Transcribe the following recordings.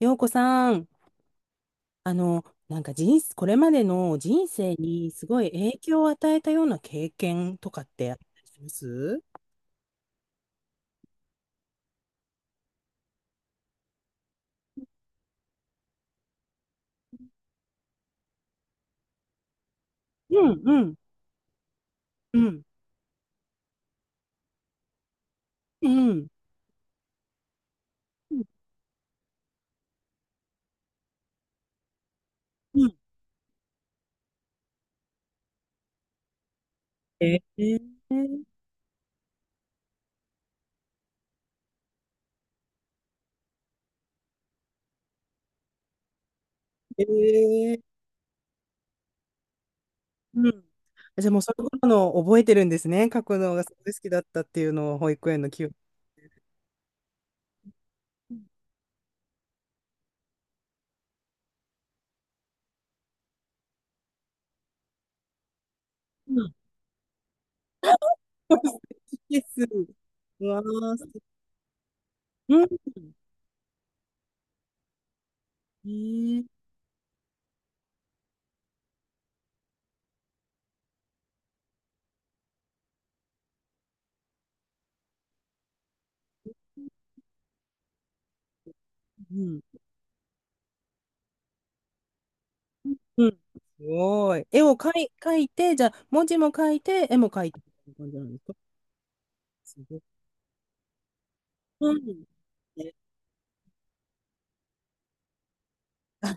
洋子さん、なんか人生、これまでの人生にすごい影響を与えたような経験とかってあったりします？うんうんうんうんうんうん。えー、えー、うん。じゃあもうそういうことの覚えてるんですね。書くのがすごい好きだったっていうのを保育園の記憶。うん。です。うわー、す、うん。えー、うん。うん。すごい。絵を描い、描いて、じゃあ、文字も書いて、絵も描いて、みたいな感じなんですか？すごい。うん。ね。あ、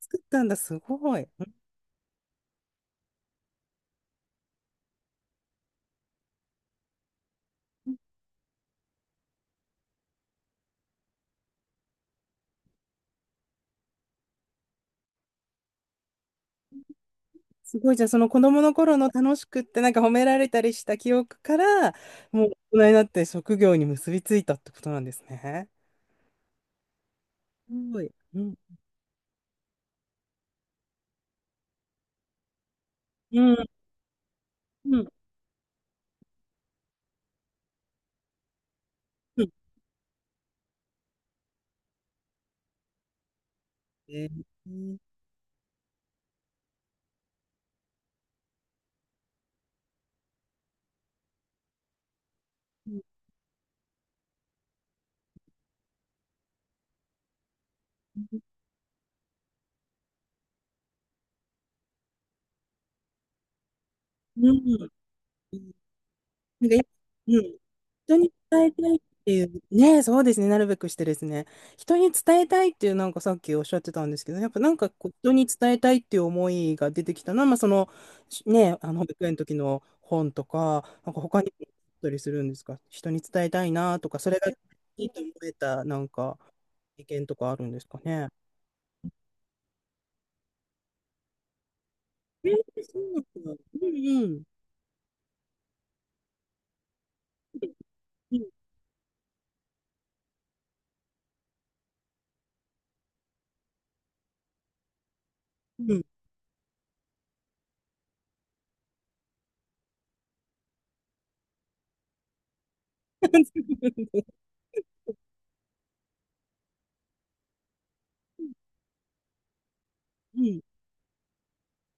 作ったんだ、すごい。すごい。じゃあ、その子供の頃の楽しくって、なんか褒められたりした記憶から、もう大人になって職業に結びついたってことなんですね。すごい。うん。うん。うん。うん。えー、うん。うん。うん。なんかい、うん。人に伝えたいっていう、ね、そうですね、なるべくしてですね、人に伝えたいっていう、なんかさっきおっしゃってたんですけど、やっぱなんかこう人に伝えたいっていう思いが出てきたのは、まあ、その、しね、あの保育園の時の本とか、なんか他にもあったりするんですか、人に伝えたいなとか、それがいいと思えた、なんか、意見とかあるんですかね？えー、そうなんだ。うんうん。うんうん。うん。うん。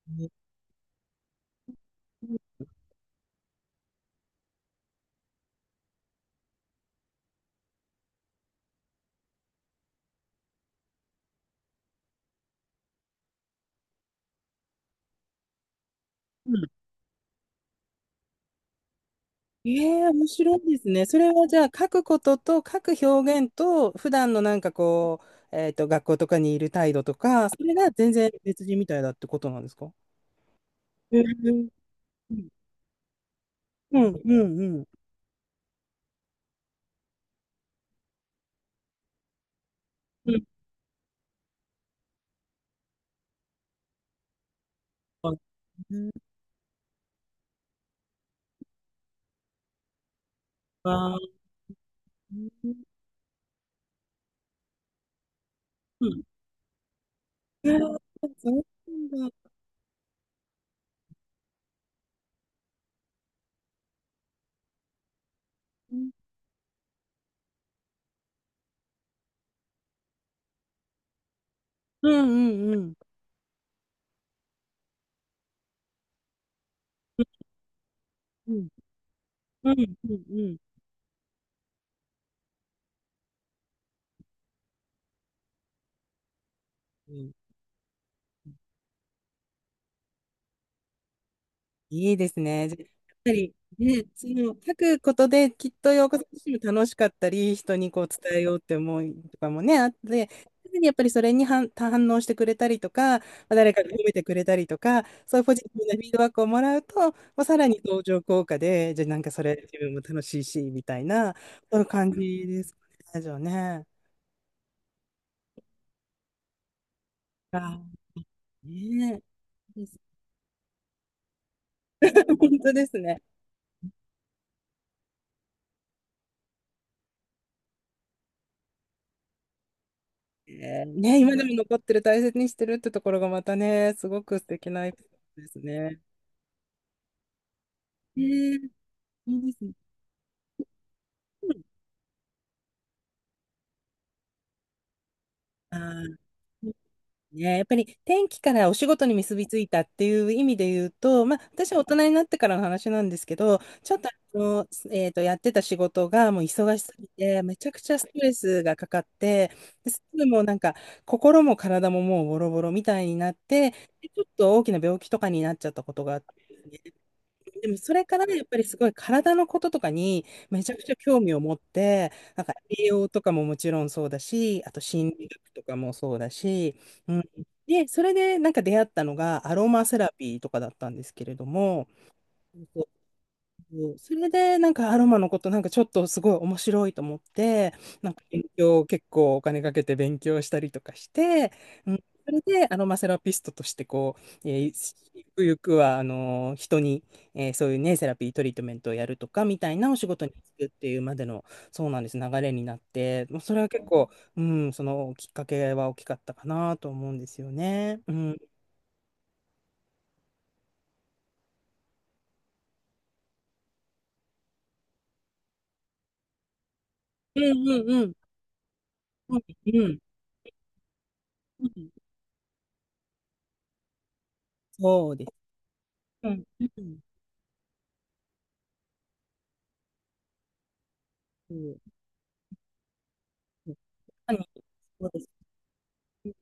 ええ、面白いですね。それはじゃあ書くことと書く表現と普段のなんかこう、学校とかにいる態度とか、それが全然別人みたいだってことなんですか？ええ、うん、うん、うん。うん。あ、うん。あ、うん。ええ、そうなんだ。うん、うん、うん。うん、うん、うん、うん。うん。いいですね。じゃあやっぱり、ね、その書くことできっと洋子さん自身も楽しかったり、人にこう伝えようって思いとかもね、あって、常にやっぱりそれに反、反応してくれたりとか、まあ誰かが褒めてくれたりとか、そういうポジティブなフィードバックをもらうと、まあ、さらに登場効果で、じゃあなんかそれ自分も楽しいし、みたいな、そういう感じですかね、じゃあね。あ、ねえ。本当ですね。えー、ね、今でも残ってる、大切にしてるってところがまたね、すごく素敵なエピソードですね。えー、いいですね。あー、ね、やっぱり天気からお仕事に結びついたっていう意味で言うと、まあ、私は大人になってからの話なんですけど、ちょっと、やってた仕事がもう忙しすぎて、めちゃくちゃストレスがかかって、ですぐもうなんか心も体ももうボロボロみたいになって、でちょっと大きな病気とかになっちゃったことがあって。でもそれからやっぱりすごい体のこととかにめちゃくちゃ興味を持って、なんか栄養とかももちろんそうだし、あと心理学とかもそうだし、うん、で、それでなんか出会ったのがアロマセラピーとかだったんですけれども、そう、それで、なんかアロマのこと、なんかちょっとすごい面白いと思って、なんか勉強、結構お金かけて勉強したりとかして、うん、それでアロマセラピストとして、こう、ゆくゆくは、あの人に、そういうね、セラピートリートメントをやるとか、みたいなお仕事に就くっていうまでの、そうなんです、流れになって、もうそれは結構、うん、そのきっかけは大きかったかなと思うんですよね。うん。うんうんうん。うんうん。うん。そうです。うん。うん。そう、まさにそうですね。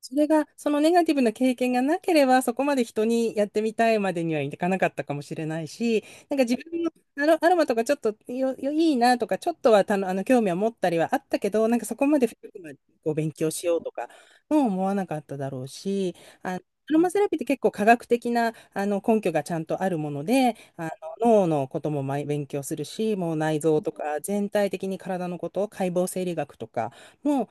それが、そのネガティブな経験がなければ、そこまで人にやってみたいまでにはいかなかったかもしれないし、なんか自分のアロ、アロマとかちょっとよ、よいいなとか、ちょっとはたの、あの興味は持ったりはあったけど、なんかそこまで深くまでこう勉強しようとか、もう思わなかっただろうし、あのアロマセラピーって結構科学的なあの根拠がちゃんとあるもので、あの脳のこともまい勉強するし、もう内臓とか全体的に体のこと、解剖生理学とかも、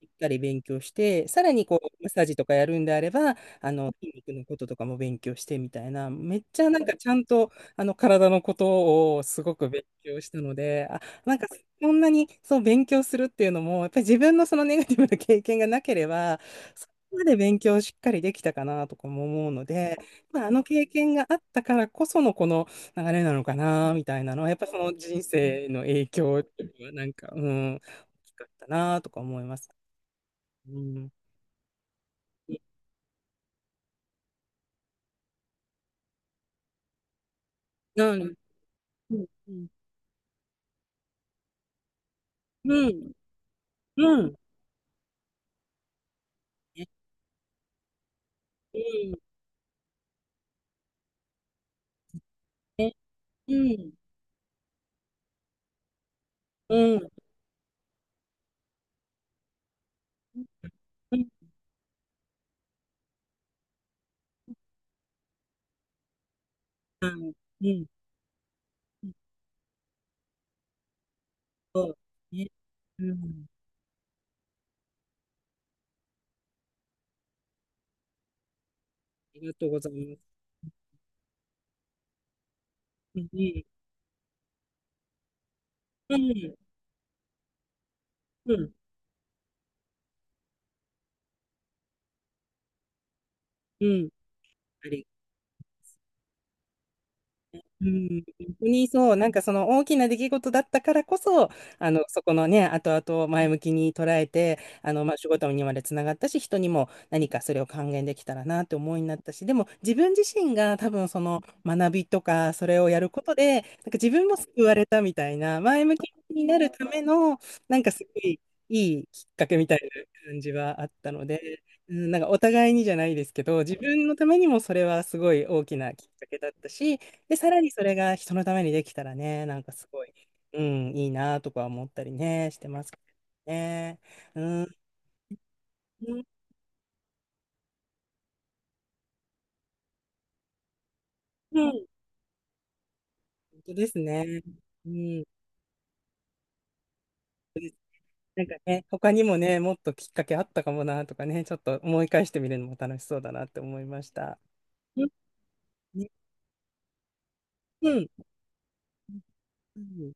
しっかり勉強して、さらにこう、マッサージとかやるんであれば、あの、筋肉のこととかも勉強してみたいな、めっちゃなんかちゃんと、あの、体のことをすごく勉強したので、あ、なんかそんなにそう勉強するっていうのも、やっぱり自分のそのネガティブな経験がなければ、そこまで勉強をしっかりできたかなとかも思うので、まあ、あの経験があったからこそのこの流れなのかな、みたいなのは、やっぱその人生の影響っていうのはなんか、うん、大きかったなとか思います。うん。うん。うん。うん。うん。ね。うん。ね。うんうんうんうん。うん。そう、ね。うん。ありがとうございます。うんうんうん。うん。あり、うん、本当にそう、なんかその大きな出来事だったからこそ、あの、そこのね、後々を前向きに捉えて、あの、まあ、仕事にまでつながったし、人にも何かそれを還元できたらなって思いになったし、でも自分自身が多分その学びとか、それをやることで、なんか自分も救われたみたいな、前向きになるための、なんかすごいいいきっかけみたいな感じはあったので、うん、なんかお互いにじゃないですけど、自分のためにもそれはすごい大きなきっかけだったし、で、さらにそれが人のためにできたらね、なんかすごい、うん、いいなとか思ったりね、してますけどね。うん、うん、うん。本当ですね。うん、なんかね、他にもね、もっときっかけあったかもなとかね、ちょっと思い返してみるのも楽しそうだなって思いました。うん、うん。うん